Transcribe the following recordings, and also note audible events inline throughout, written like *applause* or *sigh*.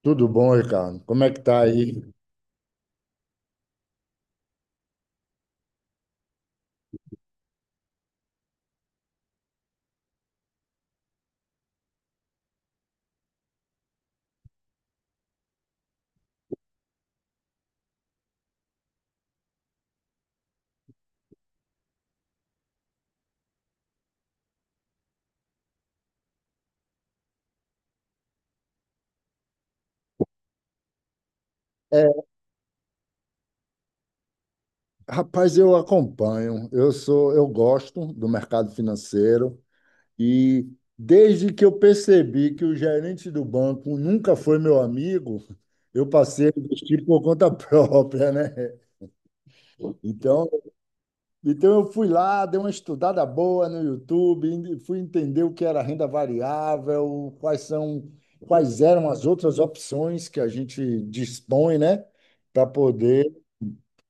Tudo bom, Ricardo? Como é que tá aí? É, rapaz, eu acompanho. Eu gosto do mercado financeiro e desde que eu percebi que o gerente do banco nunca foi meu amigo, eu passei a investir por conta *laughs* própria, né? Então, então eu fui lá, dei uma estudada boa no YouTube, e fui entender o que era renda variável, quais eram as outras opções que a gente dispõe, né? Para poder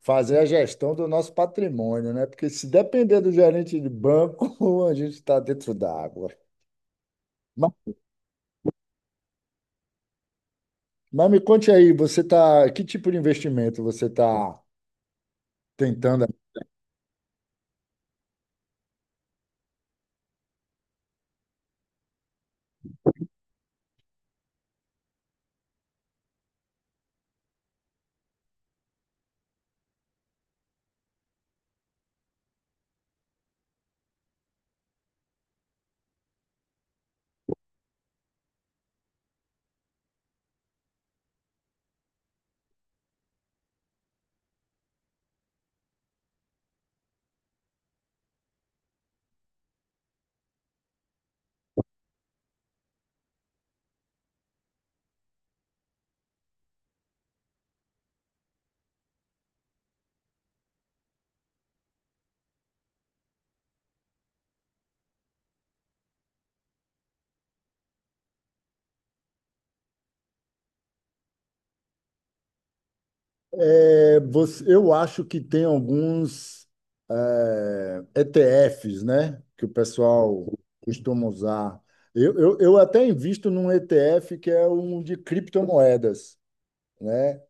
fazer a gestão do nosso patrimônio, né? Porque se depender do gerente de banco, *laughs* a gente está dentro d'água. Mas, mas me conte aí, você tá, que tipo de investimento você está tentando? Você- eu acho que tem alguns ETFs, né? Que o pessoal costuma usar. Eu até invisto num ETF que é um de criptomoedas, né?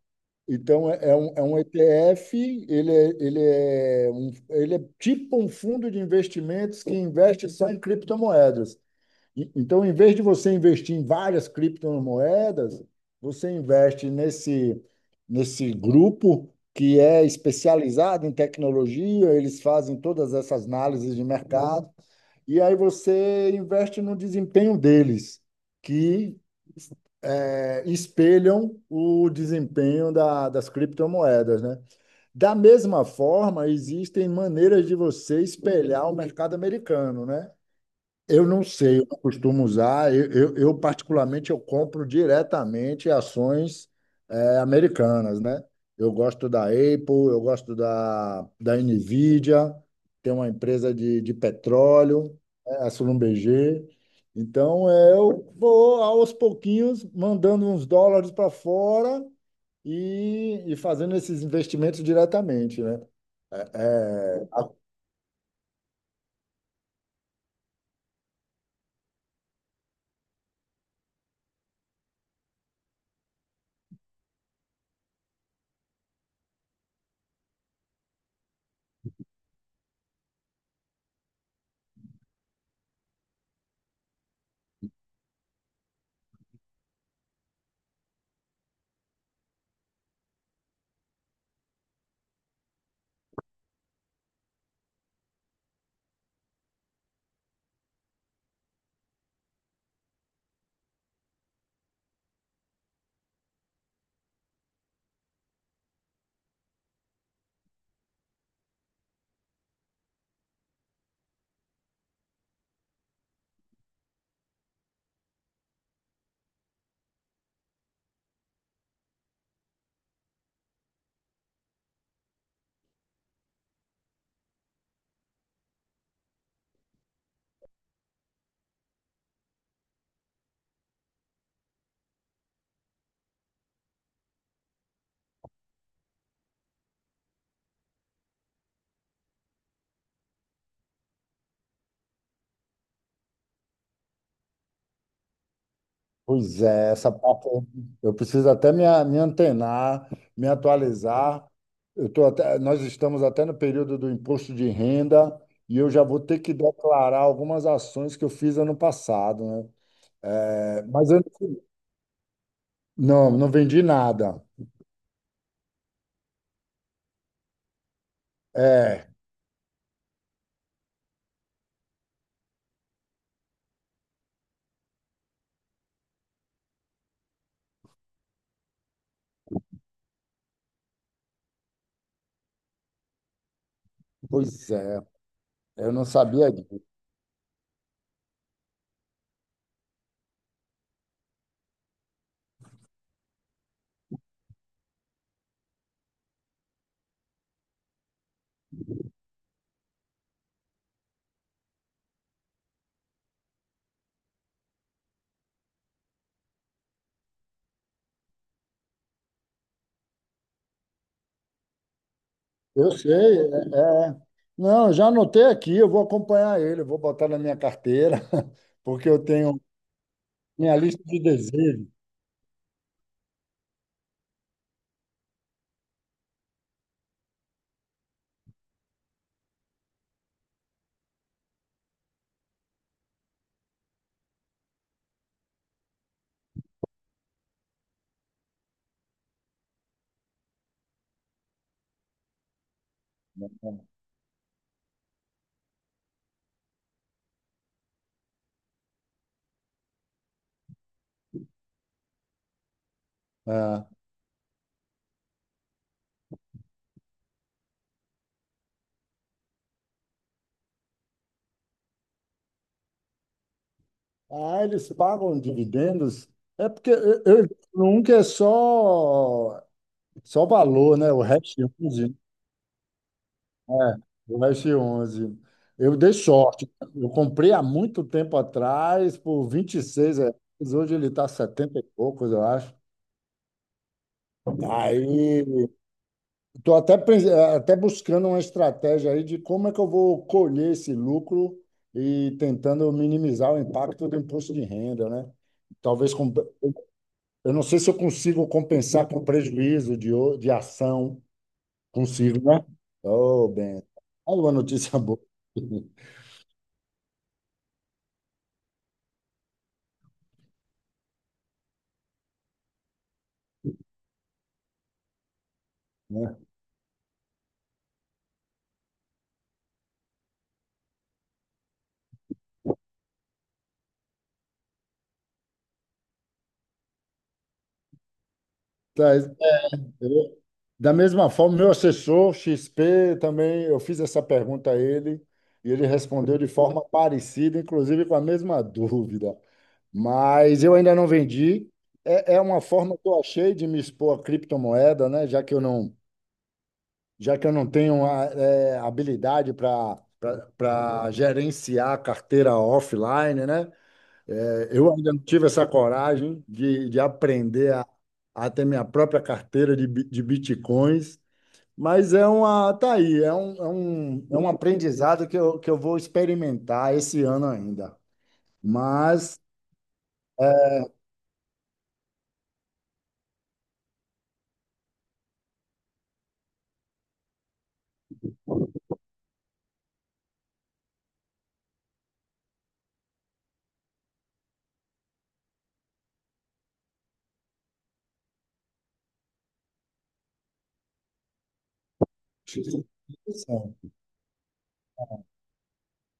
Então, é um ETF, ele é tipo um fundo de investimentos que investe só em criptomoedas. E- Então, em vez de você investir em várias criptomoedas, você investe nesse grupo que é especializado em tecnologia, eles fazem todas essas análises de mercado e aí você investe no desempenho deles, que espelham o desempenho da- das criptomoedas, né? Da mesma forma, existem maneiras de você espelhar o mercado americano, né? Eu não sei, eu não costumo usar. Particularmente, eu compro diretamente ações americanas, né? Eu gosto da Apple, eu gosto da Nvidia, tem uma empresa de petróleo, a Schlumberger. Então, eu vou aos pouquinhos mandando uns dólares para fora e fazendo esses investimentos diretamente, né? É, Pois é, essa parte eu preciso até me antenar, me atualizar. Nós estamos até no período do imposto de renda e eu já vou ter que declarar algumas ações que eu fiz ano passado, né? Mas eu não vendi nada. É, pois é, eu não sabia disso. Eu sei, é, é. Não, eu já anotei aqui, eu vou acompanhar ele, eu vou botar na minha carteira, *laughs* porque eu tenho minha lista de desejos. É. Ah, eles pagam dividendos? É porque nunca é só, só valor, né? O Hash 11, é, o Hash 11. Eu dei sorte. Eu comprei há muito tempo atrás por R$ 26. Hoje ele está 70 e poucos, eu acho. Aí até buscando uma estratégia aí de como é que eu vou colher esse lucro e tentando minimizar o impacto do imposto de renda, né? Talvez com- Eu não sei se eu consigo compensar com prejuízo de ação. Consigo, né? Oh, bem. Aí uma notícia *laughs* boa, né? Tá, eu- da mesma forma, meu assessor XP também, eu fiz essa pergunta a ele e ele respondeu de forma parecida, inclusive com a mesma *laughs* dúvida. Mas eu ainda não vendi. É, é uma forma que eu achei de me expor à criptomoeda, né? Já que eu não tenho habilidade para gerenciar a carteira offline, né? É, eu ainda não tive essa coragem de aprender a ter minha própria carteira de bitcoins, mas é uma, tá aí, é um aprendizado que eu vou experimentar esse ano ainda. Mas é,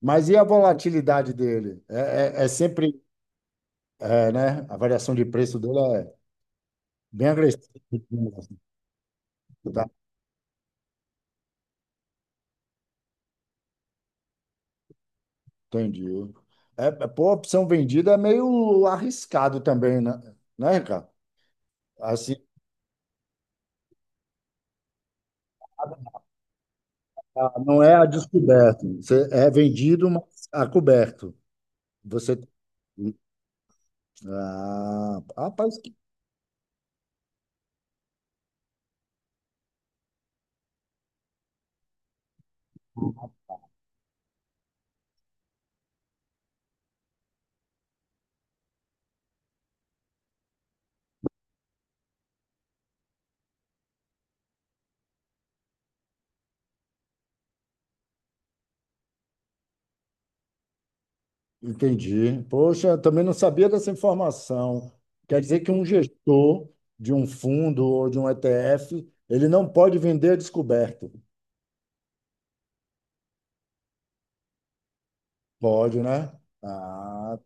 mas e a volatilidade dele? É sempre, é, né? A variação de preço dele é bem agressivo, tá? Entendi. Pô, opção vendida é meio arriscado também, né, Ricardo? Assim, não é a descoberto. Você é vendido, mas a coberto. Você. Ah, rapaz, que- entendi. Poxa, eu também não sabia dessa informação. Quer dizer que um gestor de um fundo ou de um ETF, ele não pode vender a descoberto. Pode, né? Ah,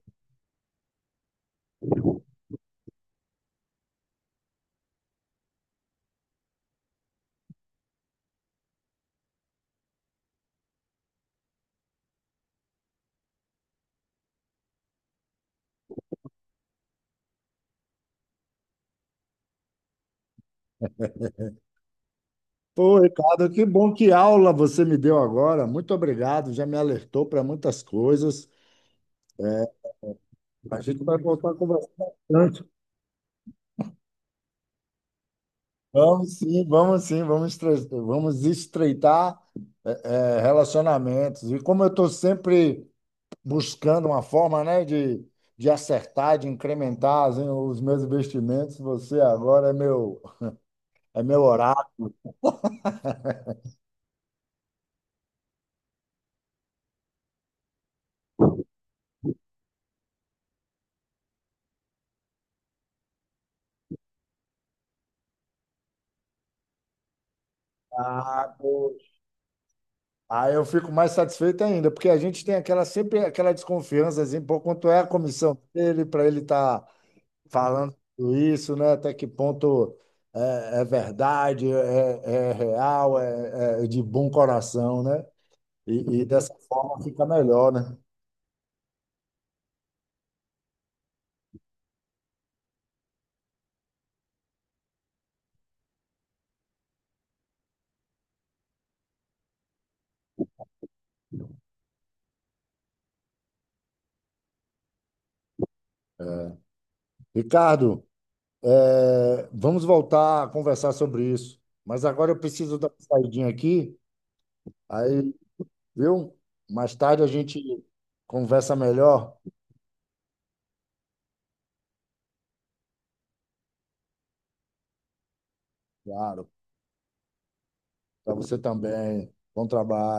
ô Ricardo, que bom que aula você me deu agora. Muito obrigado, já me alertou para muitas coisas. A gente vai voltar a conversar bastante. Vamos estreitar relacionamentos. E como eu estou sempre buscando uma forma, de acertar, de incrementar assim, os meus investimentos, você agora é é meu oráculo. Aí eu fico mais satisfeito ainda, porque a gente tem aquela sempre aquela desconfiança, assim, pô, quanto é a comissão dele para ele estar falando tudo isso, né? Até que ponto é verdade, é real, é de bom coração, né? E dessa forma fica melhor, né? Ricardo, é, vamos voltar a conversar sobre isso, mas agora eu preciso dar uma saidinha aqui, aí, viu? Mais tarde a gente conversa melhor. Claro. Para você também. Bom trabalho.